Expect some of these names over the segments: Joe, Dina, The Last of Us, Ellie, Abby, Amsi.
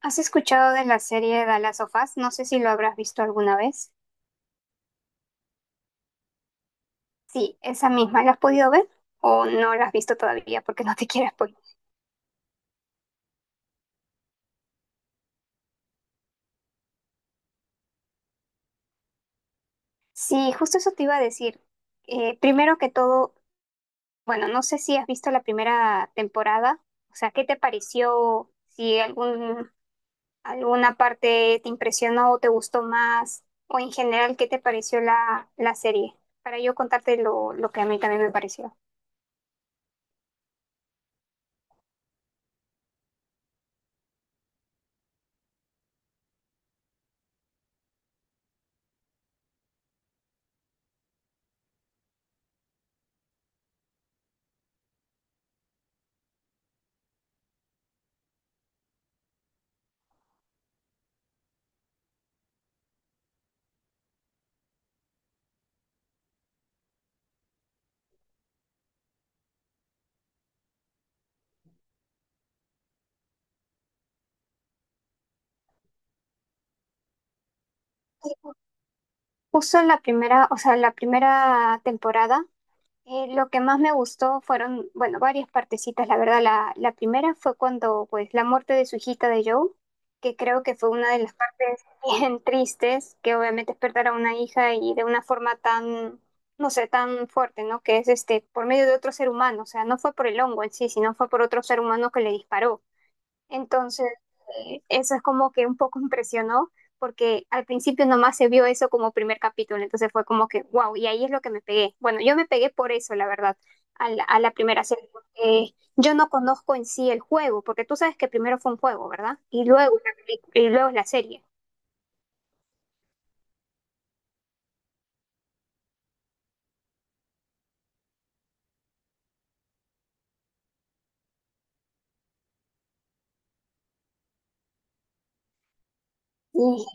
¿Has escuchado de la serie The Last of Us? No sé si lo habrás visto alguna vez. Sí, esa misma. ¿La has podido ver o no la has visto todavía porque no te quiero spoiler? Sí, justo eso te iba a decir. Primero que todo, bueno, no sé si has visto la primera temporada. O sea, ¿qué te pareció? Si algún, ¿Alguna parte te impresionó o te gustó más? O en general, ¿qué te pareció la serie? Para yo contarte lo que a mí también me pareció. Justo la primera, o sea, la primera temporada. Lo que más me gustó fueron, bueno, varias partecitas, la verdad. La primera fue cuando, pues, la muerte de su hijita de Joe, que creo que fue una de las partes bien tristes, que obviamente es perder a una hija y de una forma tan, no sé, tan fuerte, ¿no? Que es este, por medio de otro ser humano, o sea, no fue por el hongo en sí, sino fue por otro ser humano que le disparó. Entonces, eso es como que un poco impresionó, porque al principio nomás se vio eso como primer capítulo, entonces fue como que, wow, y ahí es lo que me pegué. Bueno, yo me pegué por eso, la verdad, a la primera serie, porque yo no conozco en sí el juego, porque tú sabes que primero fue un juego, ¿verdad? Y luego, y luego es la serie. Y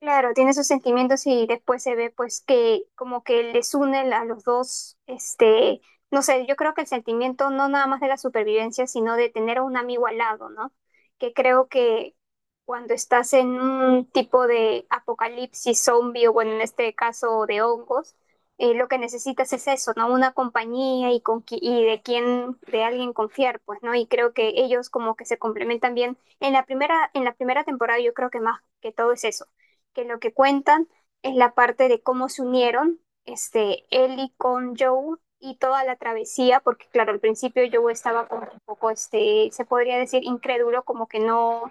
Claro, tiene sus sentimientos y después se ve pues que como que les une a los dos, este, no sé, yo creo que el sentimiento no nada más de la supervivencia, sino de tener a un amigo al lado, ¿no? Que creo que cuando estás en un tipo de apocalipsis zombie o bueno, en este caso de hongos, lo que necesitas es eso, ¿no? Una compañía y de quien, de alguien confiar, pues, ¿no? Y creo que ellos como que se complementan bien. En la primera temporada yo creo que más que todo es eso que lo que cuentan es la parte de cómo se unieron, este, Ellie con Joe y toda la travesía, porque claro, al principio Joe estaba como un poco, este, se podría decir incrédulo, como que no,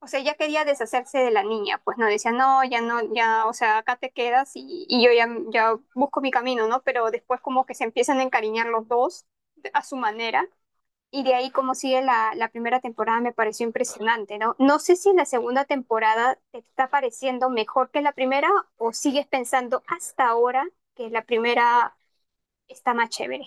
o sea, ya quería deshacerse de la niña, pues no decía, no, ya no, ya, o sea, acá te quedas y yo ya, ya busco mi camino, ¿no? Pero después como que se empiezan a encariñar los dos a su manera, y de ahí como sigue la primera temporada me pareció impresionante, ¿no? No sé si la segunda temporada te está pareciendo mejor que la primera, o sigues pensando hasta ahora que la primera está más chévere.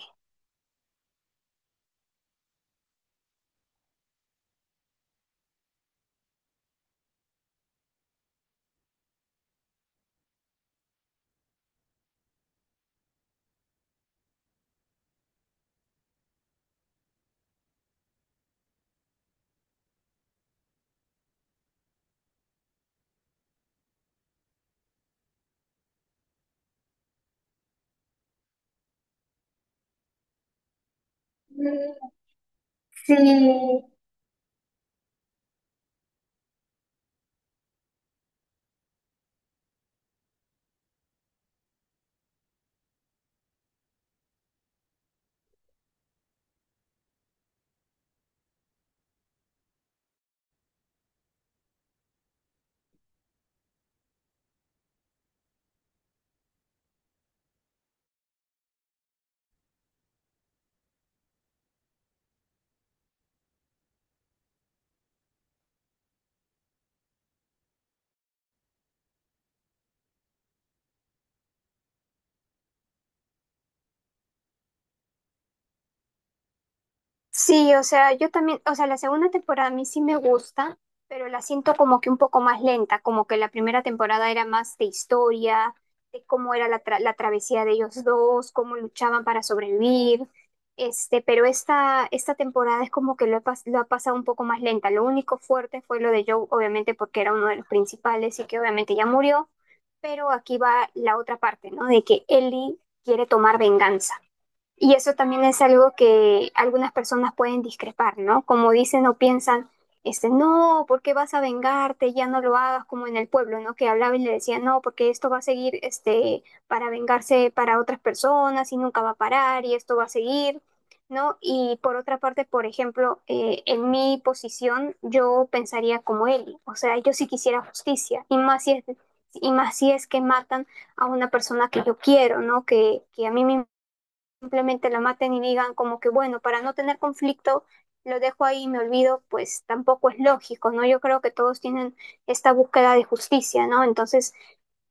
Sí, sí, o sea, yo también, o sea, la segunda temporada a mí sí me gusta, pero la siento como que un poco más lenta, como que la primera temporada era más de historia, de cómo era la travesía de ellos dos, cómo luchaban para sobrevivir, este, pero esta temporada es como que lo ha pasado un poco más lenta. Lo único fuerte fue lo de Joe, obviamente porque era uno de los principales y que obviamente ya murió, pero aquí va la otra parte, ¿no? De que Ellie quiere tomar venganza. Y eso también es algo que algunas personas pueden discrepar, ¿no? Como dicen o piensan, este, no, ¿por qué vas a vengarte? Ya no lo hagas, como en el pueblo, ¿no? Que hablaba y le decía, no, porque esto va a seguir, este, para vengarse para otras personas y nunca va a parar y esto va a seguir, ¿no? Y por otra parte, por ejemplo, en mi posición, yo pensaría como él, o sea, yo sí quisiera justicia, y más si es que matan a una persona que yo quiero, ¿no? Que a mí me simplemente la maten y digan como que, bueno, para no tener conflicto, lo dejo ahí y me olvido, pues tampoco es lógico, ¿no? Yo creo que todos tienen esta búsqueda de justicia, ¿no? Entonces,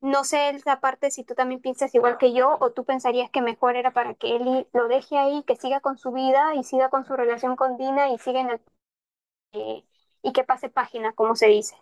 no sé esa parte si tú también piensas igual que yo o tú pensarías que mejor era para que Eli lo deje ahí, que siga con su vida y siga con su relación con Dina y siga en el, eh, y que pase página, como se dice.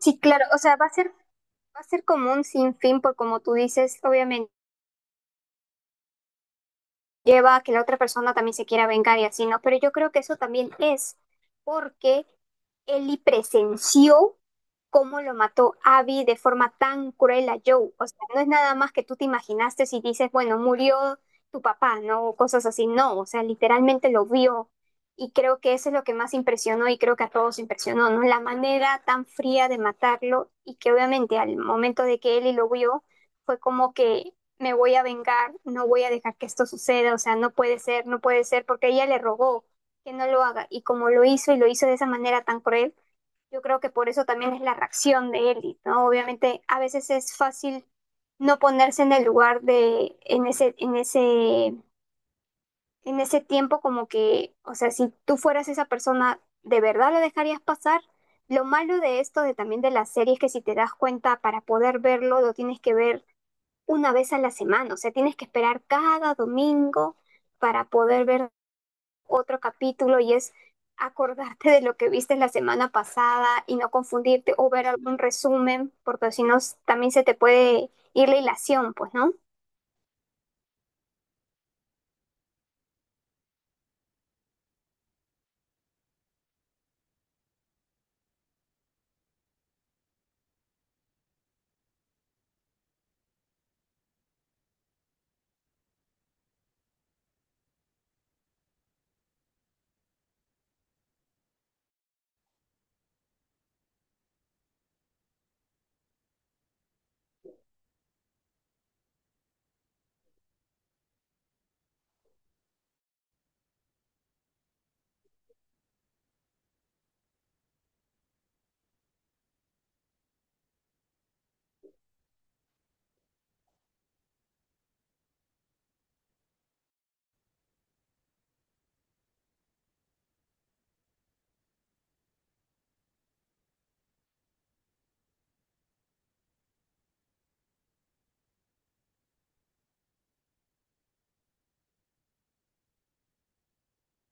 Sí, claro, o sea, va a ser como un sinfín, por como tú dices, obviamente lleva a que la otra persona también se quiera vengar y así, ¿no? Pero yo creo que eso también es porque Ellie presenció cómo lo mató Abby de forma tan cruel a Joe. O sea, no es nada más que tú te imaginaste si dices, bueno, murió tu papá, ¿no? O cosas así. No, o sea, literalmente lo vio. Y creo que eso es lo que más impresionó y creo que a todos impresionó, ¿no? La manera tan fría de matarlo y que obviamente al momento de que Ellie lo vio, fue como que me voy a vengar, no voy a dejar que esto suceda, o sea, no puede ser, no puede ser, porque ella le rogó que no lo haga, y como lo hizo y lo hizo de esa manera tan cruel, yo creo que por eso también es la reacción de Ellie, ¿no? Obviamente a veces es fácil no ponerse en el lugar de, en ese tiempo como que, o sea, si tú fueras esa persona, ¿de verdad lo dejarías pasar? Lo malo de esto, de también de las series, que si te das cuenta para poder verlo, lo tienes que ver una vez a la semana, o sea, tienes que esperar cada domingo para poder ver otro capítulo y es acordarte de lo que viste la semana pasada y no confundirte o ver algún resumen, porque si no s- también se te puede ir la hilación, pues, ¿no?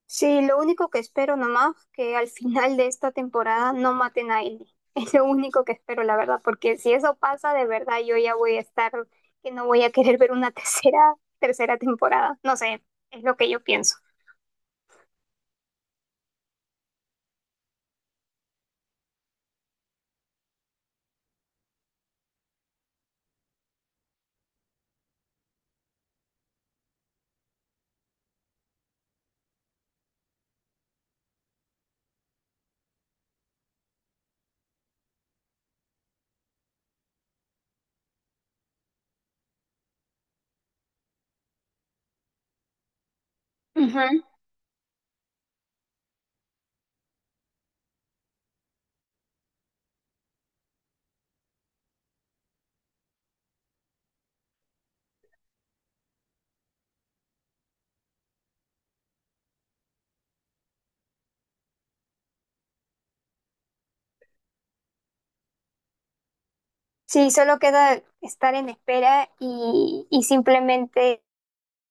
Sí, lo único que espero nomás que al final de esta temporada no maten a Ellie. Es lo único que espero, la verdad, porque si eso pasa, de verdad yo ya voy a estar que no voy a querer ver una tercera temporada. No sé, es lo que yo pienso. Sí, solo queda estar en espera y simplemente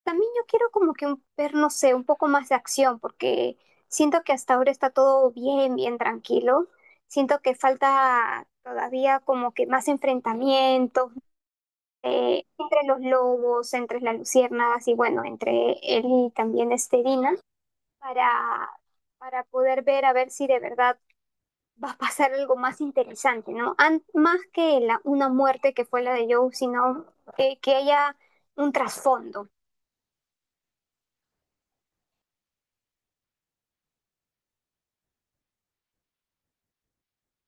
también yo quiero como que un, ver, no sé, un poco más de acción, porque siento que hasta ahora está todo bien, bien tranquilo. Siento que falta todavía como que más enfrentamientos, entre los lobos, entre las luciérnagas y bueno, entre él y también este Dina, para, para poder ver a ver si de verdad va a pasar algo más interesante, ¿no? Más que una muerte que fue la de Joe, sino que haya un trasfondo.